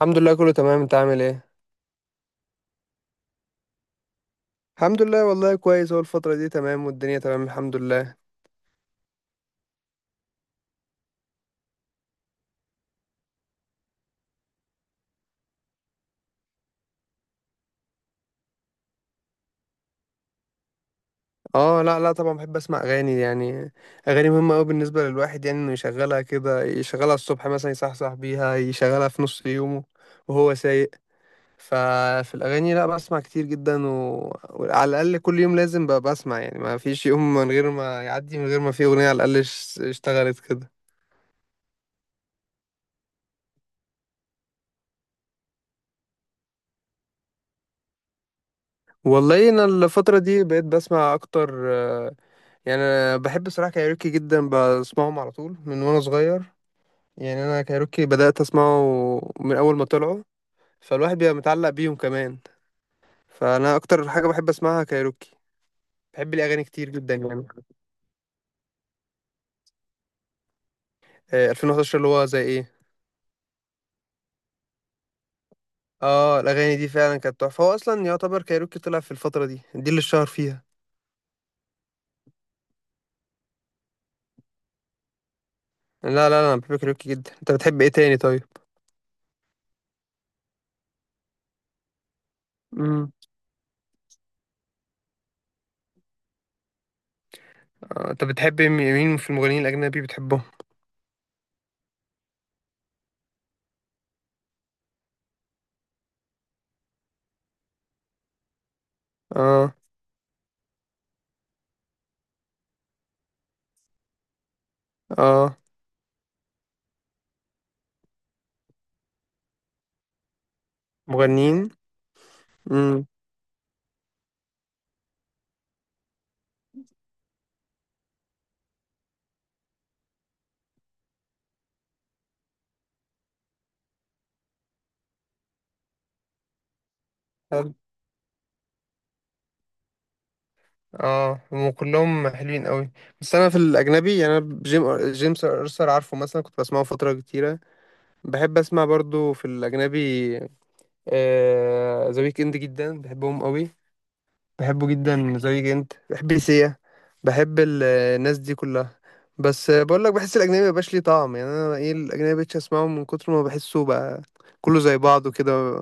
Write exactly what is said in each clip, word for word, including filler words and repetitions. الحمد لله كله تمام. انت عامل ايه؟ الحمد لله والله كويس، هو الفترة دي تمام والدنيا تمام الحمد لله. اه لا لا طبعا بحب اسمع اغاني يعني. اغاني مهمة قوي بالنسبة للواحد، يعني انه يشغلها كده، يشغلها الصبح مثلا يصحصح بيها، يشغلها في نص يومه وهو سايق. ففي الاغاني لا بسمع كتير جدا و... وعلى الاقل كل يوم لازم بقى بسمع، يعني ما فيش يوم من غير ما يعدي من غير ما في اغنية على الاقل اشت- اشتغلت كده. والله انا الفترة دي بقيت بسمع اكتر، يعني انا بحب صراحه كايروكي جدا، بسمعهم على طول من وانا صغير. يعني انا كايروكي بدات اسمعه من اول ما طلعوا، فالواحد بيبقى متعلق بيهم كمان. فانا اكتر حاجه بحب اسمعها كايروكي، بحب الاغاني كتير جدا يعني. آه، ألفين وحداشر اللي هو زي ايه؟ اه الاغاني دي فعلا كانت تحفه، هو اصلا يعتبر كايروكي طلع في الفتره دي دي اللي اتشهر فيها. لا لا لا انا بحب كايروكي جدا. انت بتحب ايه تاني طيب؟ امم. آه، انت بتحب مين مين في المغنيين الاجنبي بتحبهم؟ اه اه. مغنيين. امم. اه هم كلهم حلوين قوي. بس انا في الاجنبي، يعني انا جيم جيمس ارثر عارفه، مثلا كنت بسمعه فتره كتيره. بحب اسمع برضو في الاجنبي، ذا ويك اند جدا بحبهم قوي. بحبه جدا ذا ويك اند، بحب سيا، بحب ال- الناس دي كلها. بس بقول لك بحس الاجنبي مبقاش ليه طعم، يعني انا ايه، الاجنبي مبقتش اسمعه من كتر ما بحسه بقى كله زي بعضه كده،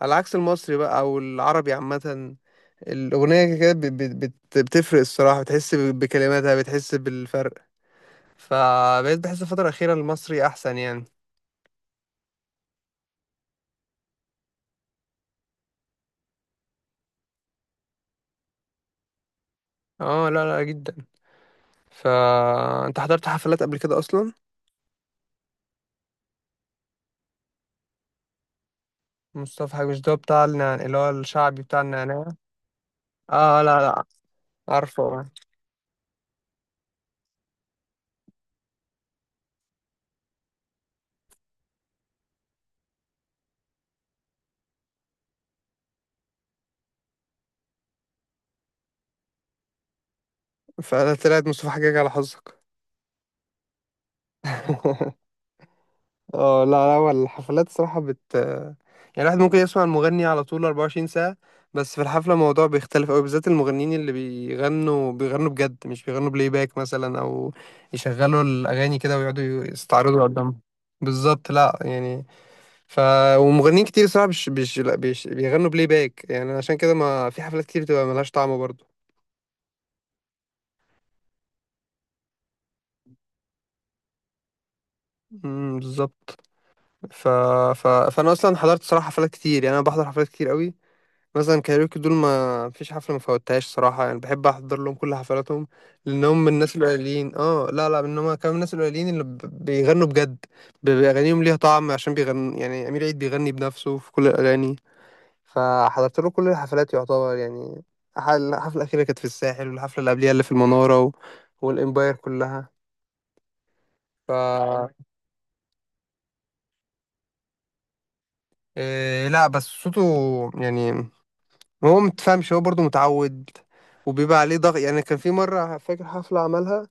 على عكس المصري بقى او العربي عامه. الأغنية كده كده بت- بت- بت- بتفرق الصراحة، بتحس ب- بكلماتها، بتحس بالفرق. فبقيت بحس الفترة الأخيرة المصري أحسن يعني. اه لا لا جدا. فأنت حضرت حفلات قبل كده أصلا؟ مصطفى حاج، مش ده بتاع النعن... اللي هو الشعبي بتاع النعناع؟ اه لا لا. عارفه. فأنا طلعت مصطفى حاجاج على حظك. اه لا لا، هو الحفلات صراحة بت يعني، الواحد ممكن يسمع المغني على طول أربعة وعشرين ساعة، بس في الحفلة الموضوع بيختلف أوي، بالذات المغنيين اللي بيغنوا بيغنوا بجد، مش بيغنوا بلاي باك مثلا، أو يشغلوا الأغاني كده ويقعدوا يستعرضوا قدام. بالظبط لا يعني. ف ومغنيين كتير صراحة مش مش لا بيش... بيغنوا بلاي باك، يعني عشان كده ما في حفلات كتير بتبقى ملهاش طعم برضه. امم بالظبط. ف... ف... فأنا أصلا حضرت صراحة حفلات كتير، يعني أنا بحضر حفلات كتير أوي. مثلا كايروكي دول ما فيش حفلة ما فوتهاش صراحة، يعني بحب أحضر لهم كل حفلاتهم. لأن هم من الناس القليلين، اه لا لا إن هم كانوا من الناس القليلين اللي ب- بيغنوا بجد، ب- بأغانيهم ليها طعم عشان بيغنوا، يعني أمير عيد بيغني بنفسه في كل الأغاني. فحضرت له كل الحفلات يعتبر يعني. ح- الحفلة الأخيرة كانت في الساحل، والحفلة اللي قبليها اللي في المنارة و... والإمباير كلها. ف إيه لا بس صوته، يعني هو متفهمش، هو برضه متعود، وبيبقى عليه ضغط. يعني كان في مرة، فاكر حفلة عملها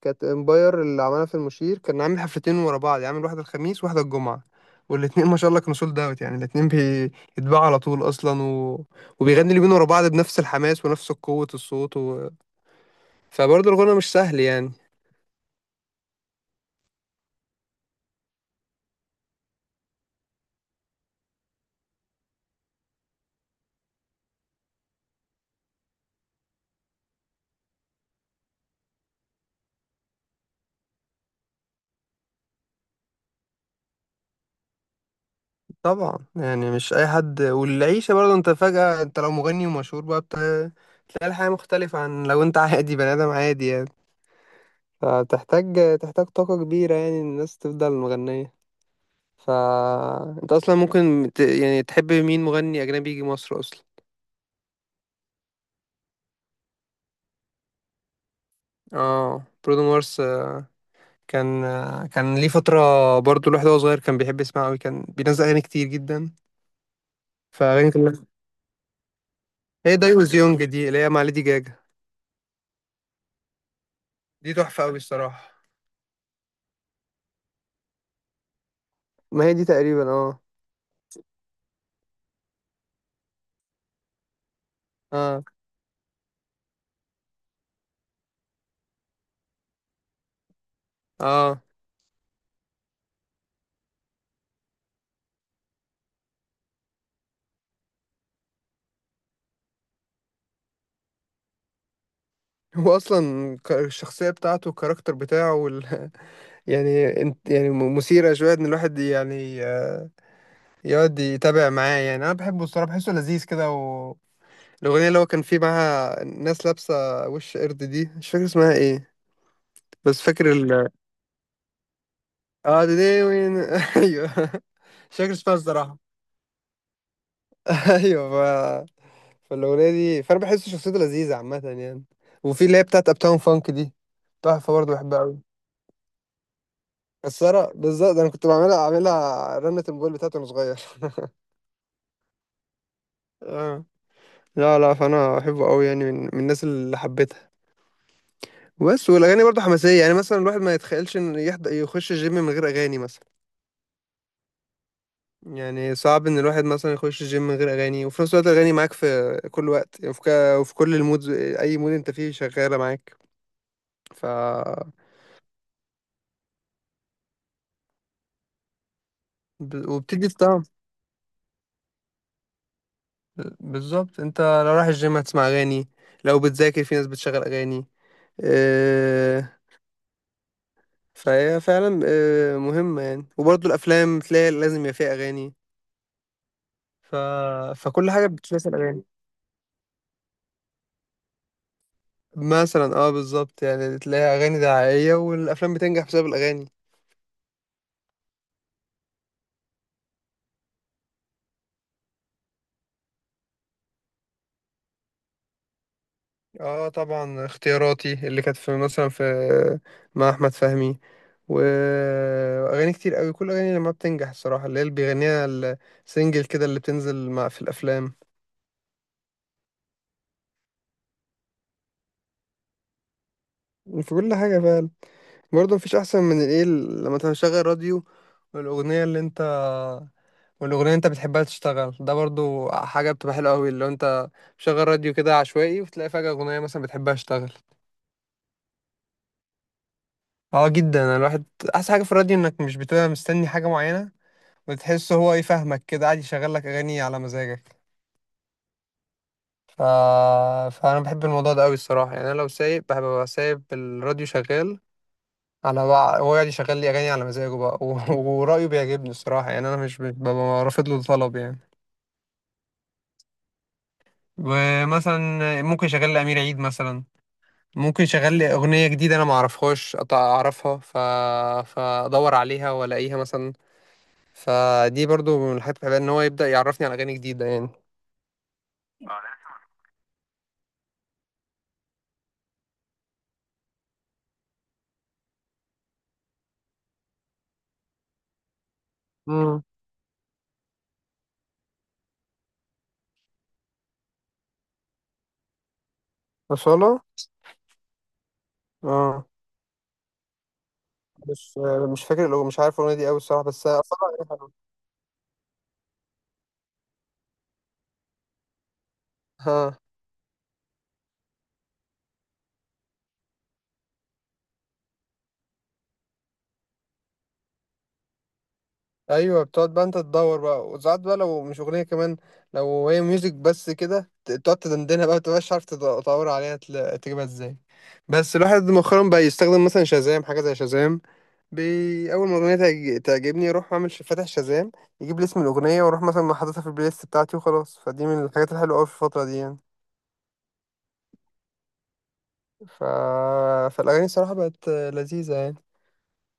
كانت امباير اللي عملها في المشير، كان عامل حفلتين ورا بعض، يعني عامل واحدة الخميس وواحدة الجمعة، والاتنين ما شاء الله كانوا سولد اوت، يعني الاتنين بيتباعوا على طول اصلا و... وبيغني اليومين ورا بعض بنفس الحماس ونفس قوة الصوت و... فبرضه الغنى مش سهل يعني. طبعا يعني مش اي حد، والعيشة برضه، انت فجأة انت لو مغني ومشهور بقى بت... تلاقي الحياة مختلفة عن لو انت عادي بني ادم عادي يعني. فبتحتاج تحتاج طاقة كبيرة يعني الناس تفضل مغنية. ف انت اصلا ممكن ت... يعني تحب مين مغني اجنبي يجي مصر اصلا؟ اه برودو مارس. آه، كان آه، كان ليه فترة، برضو الواحد وهو صغير كان بيحب يسمعه أوي، كان بينزل أغاني كتير جدا. فأغاني كلها هي دايوز يونج دي اللي هي مع ليدي جاجا، دي تحفة أوي الصراحة. ما هي دي تقريبا اه. اه اه. هو أصلا ك- الشخصية بتاعته، الكاركتر بتاعه وال... يعني انت يعني م- مثيرة شوية إن الواحد يعني آه، يقعد يتابع معاه. يعني أنا بحبه الصراحة، بحسه لذيذ كده. الأغنية اللي هو كان فيه معاها ناس لابسة وش قرد دي، مش فاكر اسمها ايه، بس فاكر ال اه دي دي وين. ايوه. مش فاكر اسمها الصراحة. ايوه. ف... فالأغنية دي فأنا بحس شخصيته لذيذة عامة يعني. وفي اللي هي بتاعت أبتاون فانك دي، تحفة برضه بحبها أوي. مكسرة بالظبط، أنا كنت بعملها أعملها رنة الموبايل بتاعتي وأنا صغير. آه. لا لا فأنا أحبه أوي، يعني من, من الناس اللي حبيتها. بس والأغاني برضه حماسية، يعني مثلا الواحد ما يتخيلش إن يحض... يخش الجيم من غير أغاني مثلا، يعني صعب ان الواحد مثلا يخش الجيم من غير اغاني. وفي نفس الوقت الاغاني معاك في كل وقت، يعني في ك- وفي كل المود، اي مود انت فيه شغاله معاك. ف ب- وبتدي الطعم. بالظبط، انت لو رايح الجيم هتسمع اغاني، لو بتذاكر في ناس بتشغل اغاني. آه، فهي فعلا آه، مهمه يعني، وبرضه الافلام تلاقي لازم يبقى فيها اغاني. ف... فكل حاجه بتتلاسى الاغاني. مثلا اه بالظبط، يعني تلاقي اغاني دعائيه والافلام بتنجح بسبب الاغاني. اه طبعا، اختياراتي اللي كانت في مثلا في مع احمد فهمي و- واغاني كتير قوي، كل اغاني لما بتنجح الصراحه اللي هي اللي بيغنيها السنجل كده اللي بتنزل مع في الافلام. في كل حاجه فعلا. برضه مفيش احسن من الايه لما تشغل راديو، والاغنيه اللي انت والاغنيه اللي انت بتحبها تشتغل. ده برضه حاجه بتبقى حلوه قوي، اللي هو انت مشغل راديو كده عشوائي وتلاقي فجاه اغنيه مثلا بتحبها تشتغل. اه جدا الواحد. احسن حاجه في الراديو انك مش بتبقى مستني حاجه معينه، بتحس هو يفهمك كده قاعد يشغل لك اغاني على مزاجك. ف... فانا بحب الموضوع ده قوي الصراحه، يعني انا لو سايق بحب ابقى سايب الراديو شغال على بقى، هو قاعد يشغل لي اغاني على مزاجه بقى و... ورايه بيعجبني الصراحه، يعني انا مش ب- ببقى رافض له طلب يعني. ومثلا ممكن يشغل لي امير عيد مثلا، ممكن يشغل لي اغنيه جديده انا ما اعرفهاش، أط- اعرفها. ف... فادور عليها والاقيها مثلا. فدي برضو من الحاجات اللي بحبها ان هو يبدا يعرفني على اغاني جديده يعني. امم. وصلها. اه. مش مش فاكر، لو مش عارف الاغنيه دي قوي الصراحه بس اصلا. ها. ايوه بتقعد بقى انت تدور بقى، وساعات بقى لو مش اغنيه كمان، لو هي ميوزك بس كده ت- تقعد تدندنها بقى، متبقاش عارف تد- تدور عليها تل- تجيبها ازاي. بس الواحد مؤخرا بقى يستخدم مثلا شازام، حاجه زي شازام. بي... اول ما اغنيه تعج- تعجبني اروح اعمل ش- فاتح شازام، يجيب لي اسم الاغنيه، واروح مثلا حاططها في البلاي ليست بتاعتي وخلاص. فدي من الحاجات الحلوه قوي في الفتره دي يعني. ف... فالاغاني الصراحه بقت لذيذه يعني.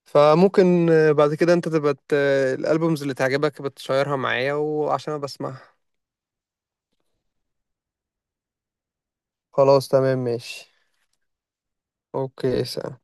فممكن آه، بعد كده انت تبقى ت- الالبومز اللي تعجبك بتشيرها معايا وعشان انا بسمعها. خلاص تمام ماشي. اوكي.